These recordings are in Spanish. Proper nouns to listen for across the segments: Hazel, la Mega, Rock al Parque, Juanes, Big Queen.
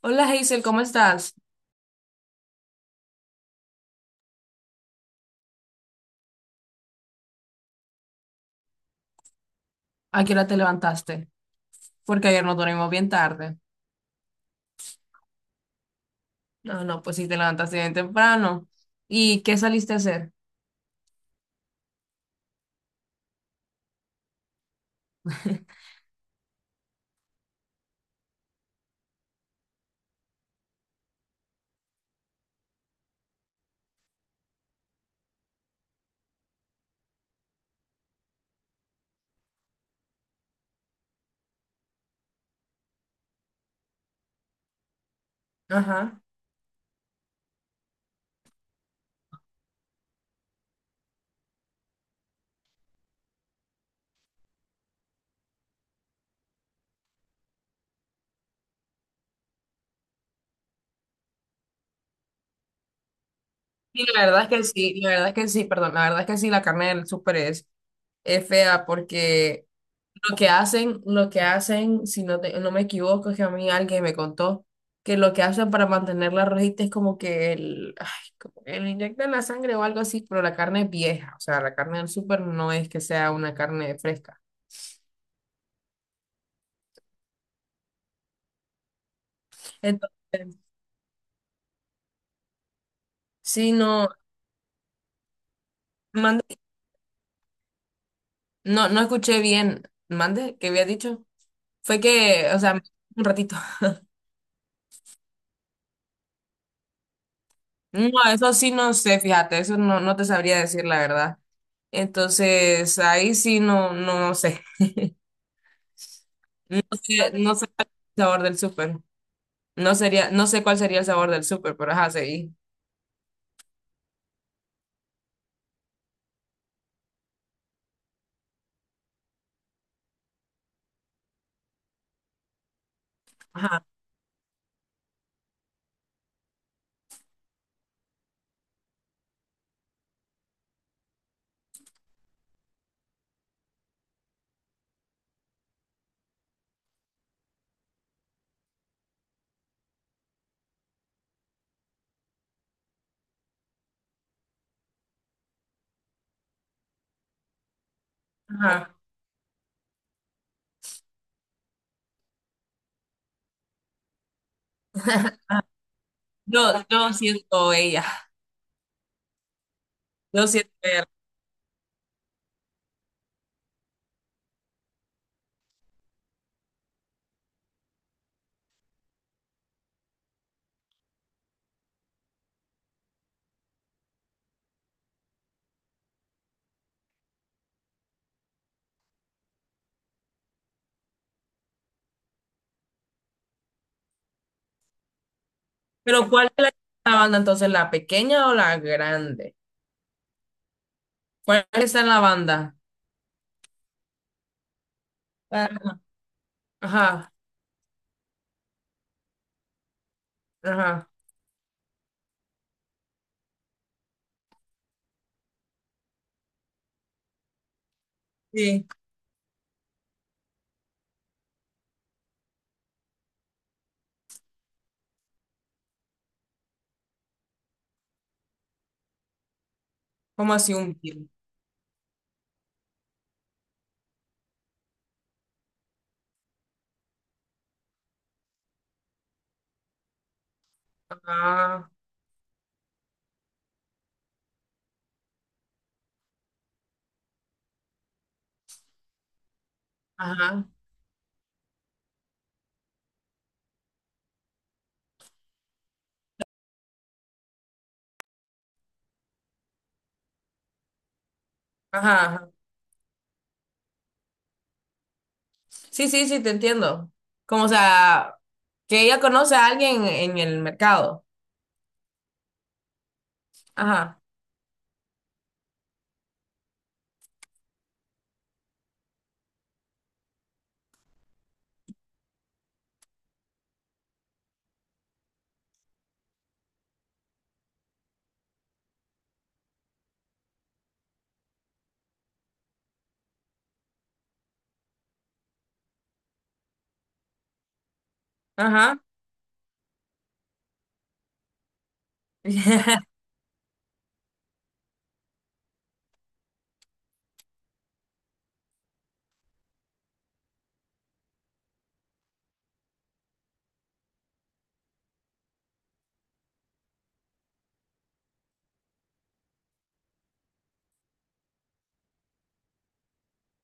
Hola Hazel, ¿cómo estás? ¿A qué hora te levantaste? Porque ayer nos dormimos bien tarde. No, no, pues sí, te levantaste bien temprano. ¿Y qué saliste a hacer? Ajá. Y la verdad es que sí, perdón, la verdad es que sí, la carne del súper es fea porque lo que hacen, si no, no me equivoco, es que a mí alguien me contó que lo que hacen para mantener la rojita es como que ay, como que le inyectan la sangre o algo así, pero la carne es vieja, o sea, la carne del súper no es que sea una carne fresca. Entonces, sí, no, mande- no, no escuché bien. ¿Mande? ¿Qué había dicho? Fue que, o sea, un ratito. No, eso sí no sé, fíjate, eso no, no te sabría decir la verdad. Entonces, ahí sí no, no sé. No sé el sabor del súper. No sería, no sé cuál sería el sabor del súper, pero ajá, seguí. Ajá, ajá. Yo siento ella. Yo siento ella. Pero ¿cuál es la banda entonces? ¿La pequeña o la grande? ¿Cuál está en la banda? Ajá, ajá, ajá, sí, ¿como así un kilo? Ajá, ajá, ajá, ajá. Sí, sí, sí, te entiendo. Como, o sea, que ella conoce a alguien en el mercado. Ajá, ajá.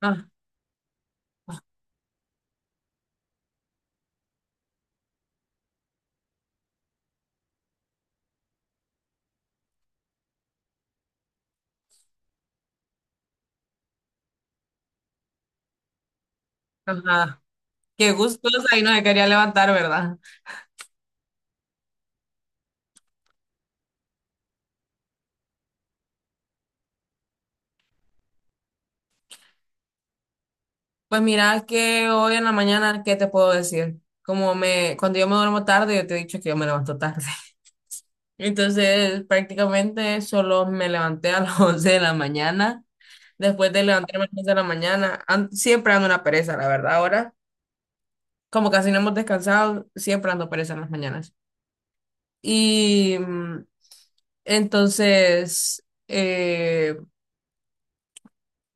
Ah, ajá, qué gustosa y no me quería levantar, ¿verdad? Pues mira que hoy en la mañana, ¿qué te puedo decir? Como me, cuando yo me duermo tarde, yo te he dicho que yo me levanto tarde. Entonces, prácticamente solo me levanté a las 11 de la mañana después de levantarme a las 10 de la mañana. Siempre ando una pereza, la verdad. Ahora, como casi no hemos descansado, siempre ando pereza en las mañanas. Y entonces,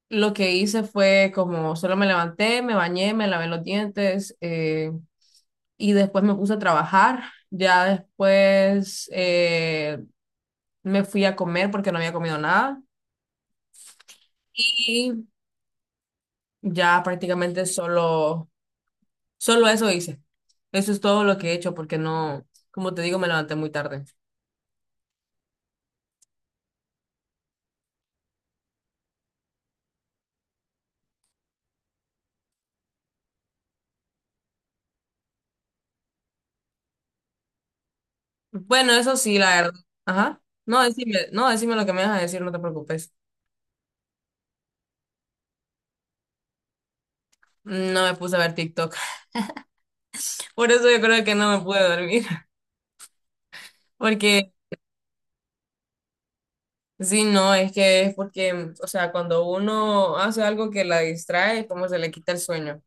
lo que hice fue como solo me levanté, me bañé, me lavé los dientes, y después me puse a trabajar. Ya después, me fui a comer porque no había comido nada y ya prácticamente solo, solo eso hice. Eso es todo lo que he hecho porque no, como te digo, me levanté muy tarde. Bueno, eso sí, la verdad. Ajá. No, decime, no, decime lo que me vas a decir, no te preocupes. No, me puse a ver TikTok. Por eso yo creo que no me pude dormir. Porque, sí, no, es que es porque, o sea, cuando uno hace algo que la distrae, como se le quita el sueño.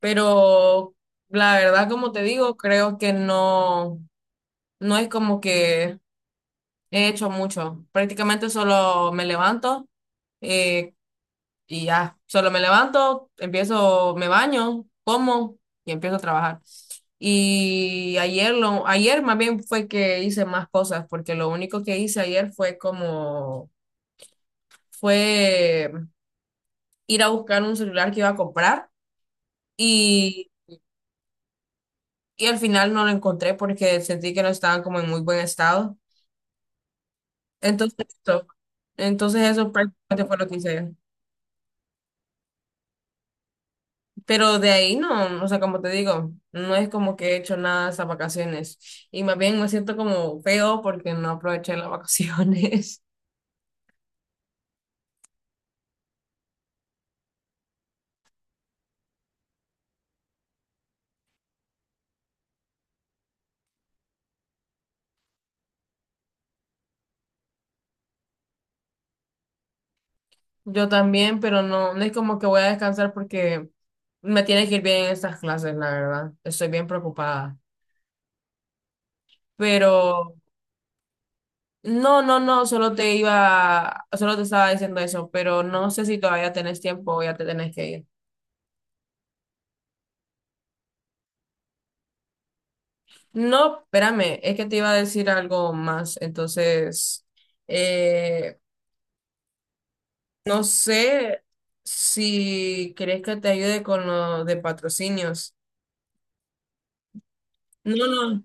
Pero la verdad, como te digo, creo que no, no es como que he hecho mucho. Prácticamente solo me levanto. eh, y ya, solo me levanto, empiezo, me baño, como y empiezo a trabajar. Y ayer, ayer más bien fue que hice más cosas, porque lo único que hice ayer fue como, fue ir a buscar un celular que iba a comprar y, y, al final no lo encontré porque sentí que no estaban como en muy buen estado. Entonces, eso, entonces eso prácticamente fue lo que hice ayer. Pero de ahí no, o sea, como te digo, no es como que he hecho nada esas vacaciones. Y más bien me siento como feo porque no aproveché las vacaciones. Yo también, pero no, no es como que voy a descansar porque me tiene que ir bien en estas clases, la verdad. Estoy bien preocupada. Pero no, no, no, solo te iba, solo te estaba diciendo eso, pero no sé si todavía tenés tiempo o ya te tenés que ir. No, espérame, es que te iba a decir algo más, entonces. Eh, No sé si querés que te ayude con lo de patrocinios. No, no.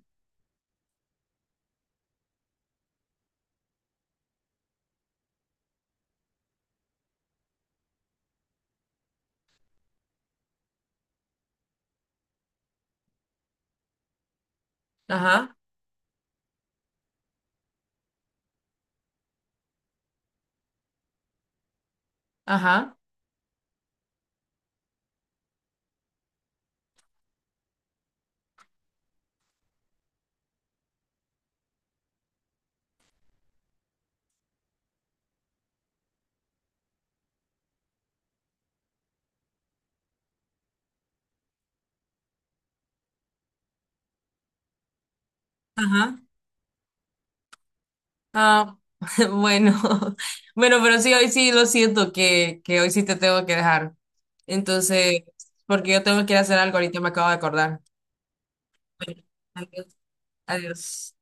Ajá, ajá. Ajá. Ah, bueno. Bueno, pero sí, hoy sí lo siento que hoy sí te tengo que dejar. Entonces, porque yo tengo que ir a hacer algo ahorita, me acabo de acordar. Bueno, adiós. Adiós.